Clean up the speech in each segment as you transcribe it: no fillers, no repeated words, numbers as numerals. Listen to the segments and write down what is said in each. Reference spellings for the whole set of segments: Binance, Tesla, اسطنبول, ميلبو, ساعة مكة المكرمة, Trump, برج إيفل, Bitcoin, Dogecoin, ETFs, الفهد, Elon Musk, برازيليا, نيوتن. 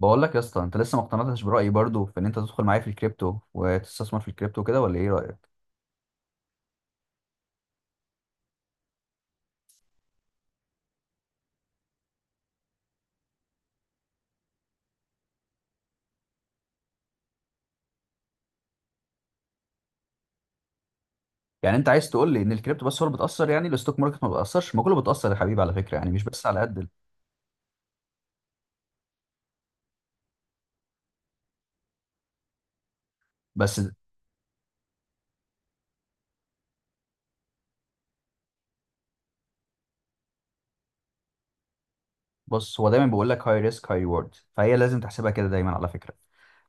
بقول لك يا اسطى، انت لسه ما اقتنعتش برايي برضو في ان انت تدخل معايا في الكريبتو وتستثمر في الكريبتو كده، ولا ايه رايك؟ يعني انت عايز تقول لي ان الكريبتو بس هو اللي بتاثر؟ يعني الستوك ماركت ما بتاثرش؟ ما كله بتاثر يا حبيبي على فكره، يعني مش بس على قد ال- بس بص، هو دايما بيقول لك هاي ريسك هاي ريورد، فهي لازم تحسبها كده دايما على فكره.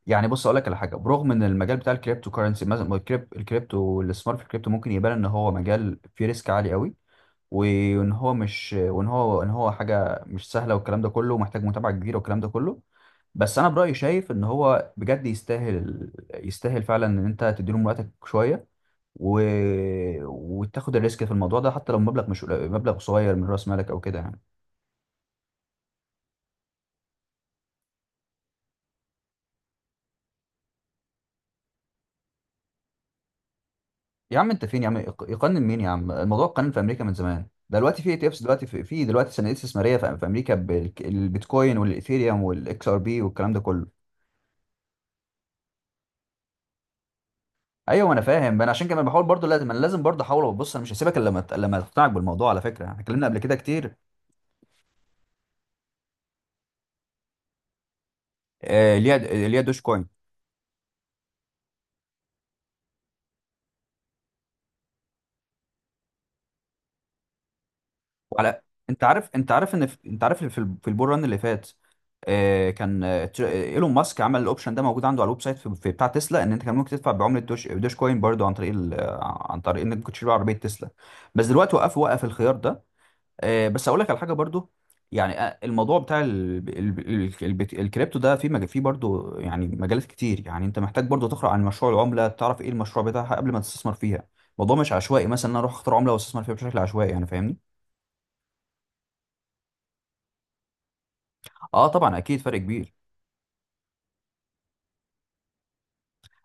يعني بص اقول لك على حاجه، برغم ان المجال بتاع الكريبتو كرنسي مثلا، الكريبتو، الاستثمار في الكريبتو ممكن يبان ان هو مجال فيه ريسك عالي قوي، وان هو مش، وان هو، ان هو حاجه مش سهله والكلام ده كله، ومحتاج متابعه كبيره والكلام ده كله. بس انا برايي شايف ان هو بجد يستاهل، يستاهل فعلا ان انت تديله من وقتك شويه و... وتاخد الريسك في الموضوع ده، حتى لو مبلغ مش قليل- مبلغ صغير من راس مالك او كده يعني. يا عم انت فين يا عم؟ يقنن مين يا عم؟ الموضوع قانون في امريكا من زمان ده. دلوقتي في اي تي افس، دلوقتي في دلوقتي صناديق استثماريه في امريكا بالبيتكوين والايثيريوم والاكس ار بي والكلام ده كله. ايوه انا فاهم، انا عشان كده بحاول برضو، لازم انا لازم برضو احاول. وبص انا مش هسيبك الا لما لما تقتنعك بالموضوع. على فكره احنا اتكلمنا قبل كده كتير. آه، اللي هي اللي هي دوش كوين. وعلى، انت عارف انت عارف ان في... انت عارف في ال- في البول ران اللي فات. آه، كان ايلون ماسك عمل الاوبشن ده موجود عنده على الويب سايت في... في بتاع تسلا، ان انت كان ممكن تدفع بعمله دوش دوش كوين برضو عن طريق ال... آه، عن طريق انك كنت تشتري عربيه تسلا. بس دلوقتي وقف، وقف الخيار ده. آه، بس اقول لك على حاجه برضو. يعني الموضوع بتاع ال... ال... ال... البت- الكريبتو ده في مج... فيه برضو يعني مجالات كتير. يعني انت محتاج برضو تقرا عن مشروع العمله، تعرف ايه المشروع بتاعها قبل ما تستثمر فيها. الموضوع مش عشوائي، مثلا إن انا اروح اختار عمله واستثمر فيها بشكل عشوائي، يعني فاهمني. اه طبعا اكيد فرق كبير.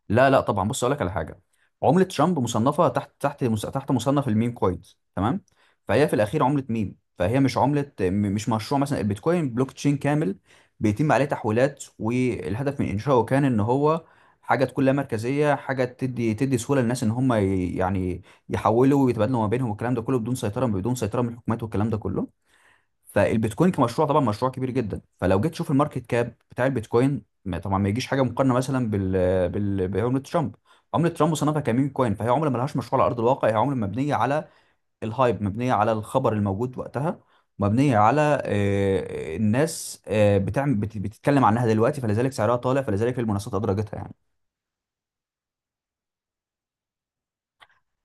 لا لا طبعا، بص اقول لك على حاجه. عمله ترامب مصنفه تحت، تحت مصنف الميم كوينز، تمام؟ فهي في الاخير عمله ميم، فهي مش عمله مش مشروع مثلا البيتكوين بلوك تشين كامل بيتم عليه تحويلات، والهدف من انشائه كان ان هو حاجه تكون لا مركزيه، حاجه تدي سهوله للناس ان هم يعني يحولوا ويتبادلوا ما بينهم والكلام ده كله، بدون سيطره، بدون سيطره من الحكومات والكلام ده كله. فالبيتكوين كمشروع طبعا مشروع كبير جدا، فلو جيت تشوف الماركت كاب بتاع البيتكوين طبعا ما يجيش حاجه مقارنه مثلا بال بال بعمله ترامب. عمله ترامب صنفها كميم كوين، فهي عمله ملهاش مشروع على ارض الواقع، هي عمله مبنيه على الهايب، مبنيه على الخبر الموجود وقتها، مبنيه على الناس بتتكلم عنها دلوقتي، فلذلك سعرها طالع، فلذلك المنصات ادرجتها يعني.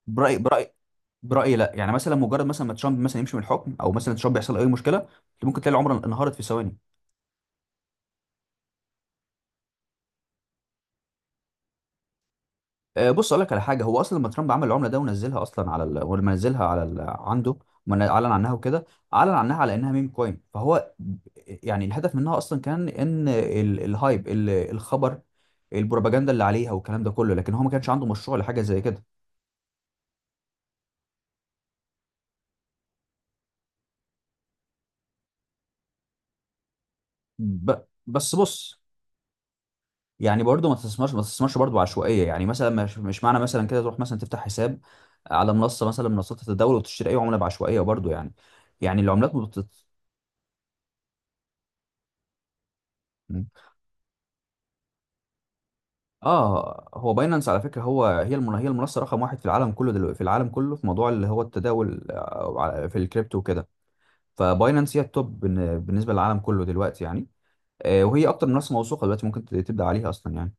برايي، برايي لا. يعني مثلا مجرد مثلا ما ترامب مثلا يمشي من الحكم، او مثلا ترامب يحصل اي مشكله، ممكن تلاقي العمله انهارت في ثواني. آه، بص اقول لك على حاجه. هو اصلا لما ترامب عمل العمله ده ونزلها اصلا على ال... ولما نزلها على ال... عنده اعلن عنها وكده، اعلن عنها على انها ميم كوين، فهو يعني الهدف منها اصلا كان ان ال... الهايب ال... الخبر، البروباجندا اللي عليها والكلام ده كله، لكن هو ما كانش عنده مشروع لحاجه زي كده. ب... بس بص، يعني برضه ما تستثمرش، ما تستثمرش برضه عشوائيه، يعني مثلا مش معنى مثلا كده تروح مثلا تفتح حساب على منصه مثلا من منصات التداول وتشتري اي عمله بعشوائيه برضه. يعني يعني العملات ما بتت... اه هو باينانس على فكره، هو هي المن... هي المنصه رقم واحد في العالم كله دلوقتي، في العالم كله في موضوع اللي هو التداول في الكريبتو وكده. فباينانس هي التوب بالنسبه للعالم كله دلوقتي يعني. آه، وهي اكتر منصه موثوقه دلوقتي ممكن تبدا عليها اصلا يعني.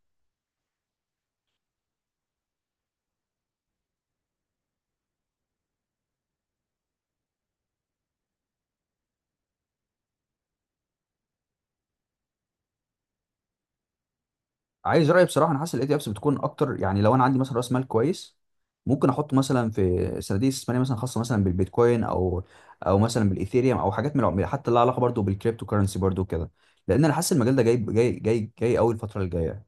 عايز رايي بصراحه؟ انا حاسس الاي تي افس بتكون اكتر. يعني لو انا عندي مثلا راس مال كويس، ممكن احط مثلا في صناديق استثماريه مثلا خاصه مثلا بالبيتكوين، او او مثلا بالايثيريوم، او حاجات من حتى لها علاقه برضو بالكريبتو كرنسي برضو كده، لان انا حاسس المجال ده جاي قوي الفتره الجايه.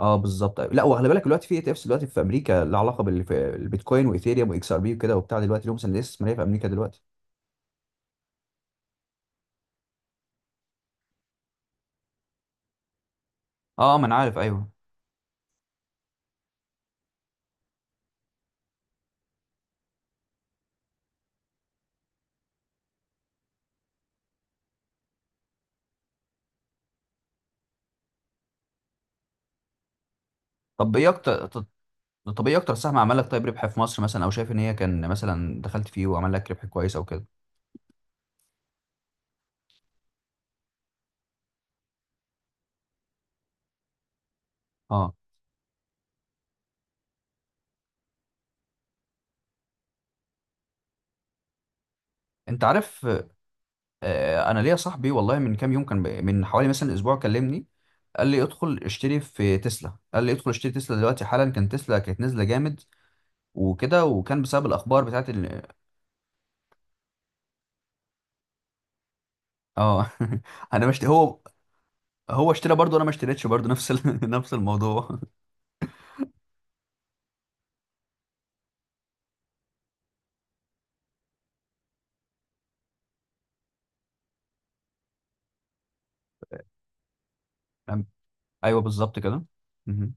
اه بالظبط. لا وخلي بالك، دلوقتي في اي تي افس دلوقتي في امريكا لها علاقه في البيتكوين وايثيريوم واكس ار بي وكده وبتاع، دلوقتي ليهم سندات استثماريه في امريكا دلوقتي. اه ما انا عارف، ايوه. طب ايه طب ايه اكتر سهم عمل لك طيب ربح في مصر مثلا، او شايف ان هي كان مثلا دخلت فيه وعمل لك ربح كويس او كده؟ اه انت عارف، آه انا ليا صاحبي والله من كام يوم كان من حوالي مثلا اسبوع كلمني، قال لي ادخل اشتري في تسلا، قال لي ادخل اشتري تسلا دلوقتي حالا، كان تسلا كانت نازله جامد وكده، وكان بسبب الاخبار بتاعت ال... اه انا مش هو، هو اشترى برضه، انا ما اشتريتش برضه نفس ال... نفس الموضوع. فاهم؟ ايوه بالظبط كده. مهم.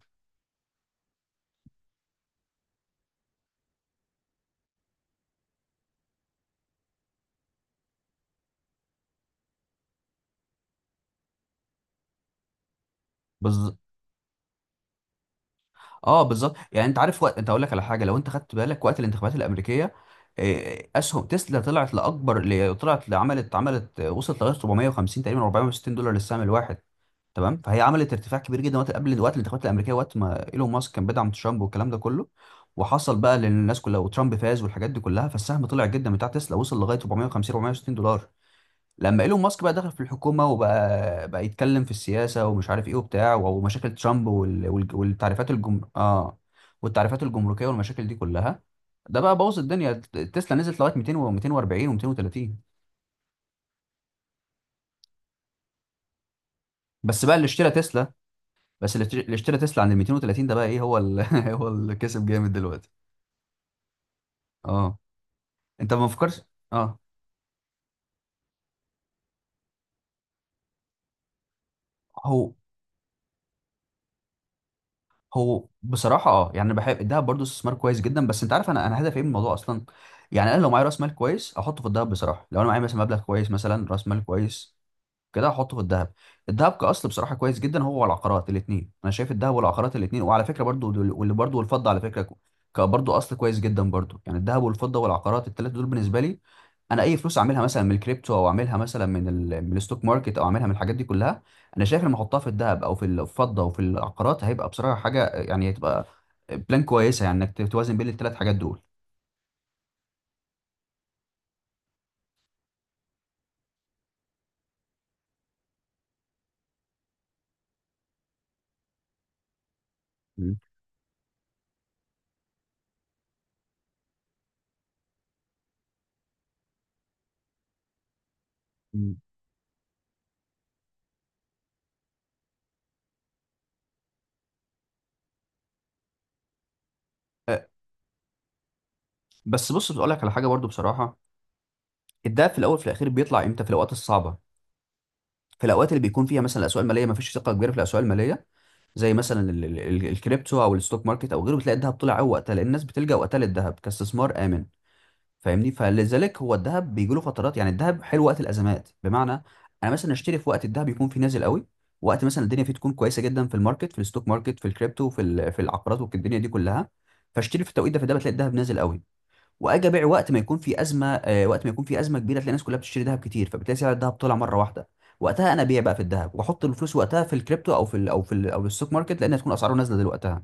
بز... اه بالظبط. يعني انت عارف وقت، انت اقول لك على حاجه، لو انت خدت بالك وقت الانتخابات الامريكيه، آه، اسهم تسلا طلعت لاكبر اللي طلعت، عملت آه، وصلت لغايه 450 تقريبا $460 للسهم الواحد، تمام؟ فهي عملت ارتفاع كبير جدا وقت، قبل وقت الانتخابات الامريكيه، وقت ما ايلون ماسك كان بيدعم ترامب والكلام ده كله، وحصل بقى للناس كلها وترامب فاز والحاجات دي كلها، فالسهم طلع جدا بتاع تسلا، وصل لغايه 450 $460. لما ايلون ماسك بقى دخل في الحكومه، وبقى يتكلم في السياسه ومش عارف ايه وبتاع، ومشاكل ترامب وال... وال... والتعريفات الجم... اه والتعريفات الجمركيه والمشاكل دي كلها، ده بقى بوظ الدنيا. تسلا نزلت لغايه 200 و 240 و230. بس بقى اللي اشترى تسلا، بس اللي اشترى تسلا عند ال 230، ده بقى ايه هو ال... هو اللي كسب جامد دلوقتي. اه انت ما فكرتش. اه هو هو بصراحة اه يعني انا بحب الدهب برضه استثمار كويس جدا، بس انت عارف انا، انا هدفي ايه من الموضوع اصلا. يعني انا لو معايا راس مال كويس احطه في الدهب بصراحة، لو انا معايا مثلا مبلغ كويس، مثلا راس مال كويس كده، هحطه في الذهب. الذهب كاصل بصراحه كويس جدا، هو والعقارات الاثنين. انا شايف الذهب والعقارات الاثنين، وعلى فكره برضو دول- واللي برضو، والفضه على فكره برضو اصل كويس جدا برضو. يعني الذهب والفضه والعقارات الثلاثه دول بالنسبه لي، انا اي فلوس اعملها مثلا من الكريبتو، او اعملها مثلا من ال... من الستوك ماركت، او اعملها من الحاجات دي كلها، انا شايف لما احطها في الذهب او في الفضه وفي العقارات، هيبقى بصراحه حاجه يعني، هتبقى بلان كويسه يعني، انك توازن بين الثلاث حاجات دول. مم. مم. أه، بس بص بقول لك على حاجه برضو بصراحه. الدهب في الاول في الاخير بيطلع امتى؟ في الاوقات الصعبه، في الاوقات اللي بيكون فيها مثلا الاسواق الماليه ما فيش ثقه كبيره في الاسواق الماليه، زي مثلا الكريبتو او الستوك ماركت او غيره، بتلاقي الذهب طلع قوي وقتها، لان الناس بتلجأ وقتها للذهب كاستثمار امن، فاهمني؟ فلذلك هو الذهب بيجي له فترات. يعني الذهب حلو وقت الازمات، بمعنى انا مثلا اشتري في وقت الذهب يكون فيه نازل قوي، وقت مثلا الدنيا فيه تكون كويسه جدا في الماركت، في الستوك ماركت في الكريبتو في العقارات والدنيا دي كلها، فاشتري في التوقيت ده، في ده بتلاقي الذهب نازل قوي. واجي ابيع وقت ما يكون في ازمه، آه، وقت ما يكون في ازمه كبيره، تلاقي الناس كلها بتشتري ذهب كتير، فبتلاقي سعر الذهب طلع مره واحده، وقتها انا ابيع بقى في الذهب، واحط الفلوس وقتها في الكريبتو، او في ال او في ال او الستوك ماركت، لان هتكون اسعاره نازله دلوقتها.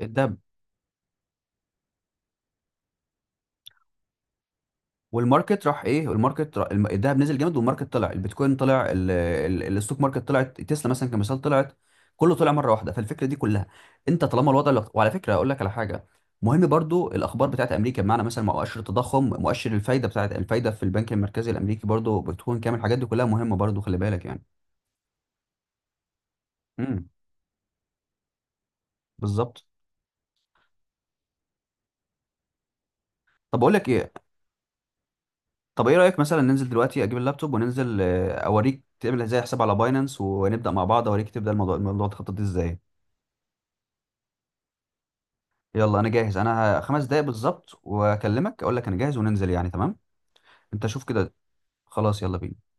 الذهب والماركت راح ايه، الماركت راح، الذهب نزل جامد والماركت طلع، البيتكوين طلع الستوك ماركت طلعت، تسلا مثلا كمثال طلعت، كله طلع مره واحده. فالفكره دي كلها، انت طالما الوضع اللي... وعلى فكره اقول لك على حاجه مهم برضو: الاخبار بتاعت امريكا، بمعنى مثلا مؤشر التضخم، مؤشر الفايده، بتاعت الفايده في البنك المركزي الامريكي برضو، بتكون كامل، الحاجات دي كلها مهمه برضو، خلي بالك يعني. امم بالظبط. طب اقول لك ايه، طب ايه رايك مثلا ننزل دلوقتي، اجيب اللابتوب وننزل، آه، اوريك تعمل ازاي حساب على باينانس، ونبدا مع بعض، اوريك تبدا الموضوع، الموضوع تخطط ازاي. يلا انا جاهز، انا خمس دقايق بالظبط واكلمك اقول لك انا جاهز وننزل يعني، تمام؟ انت شوف كده. خلاص يلا بينا.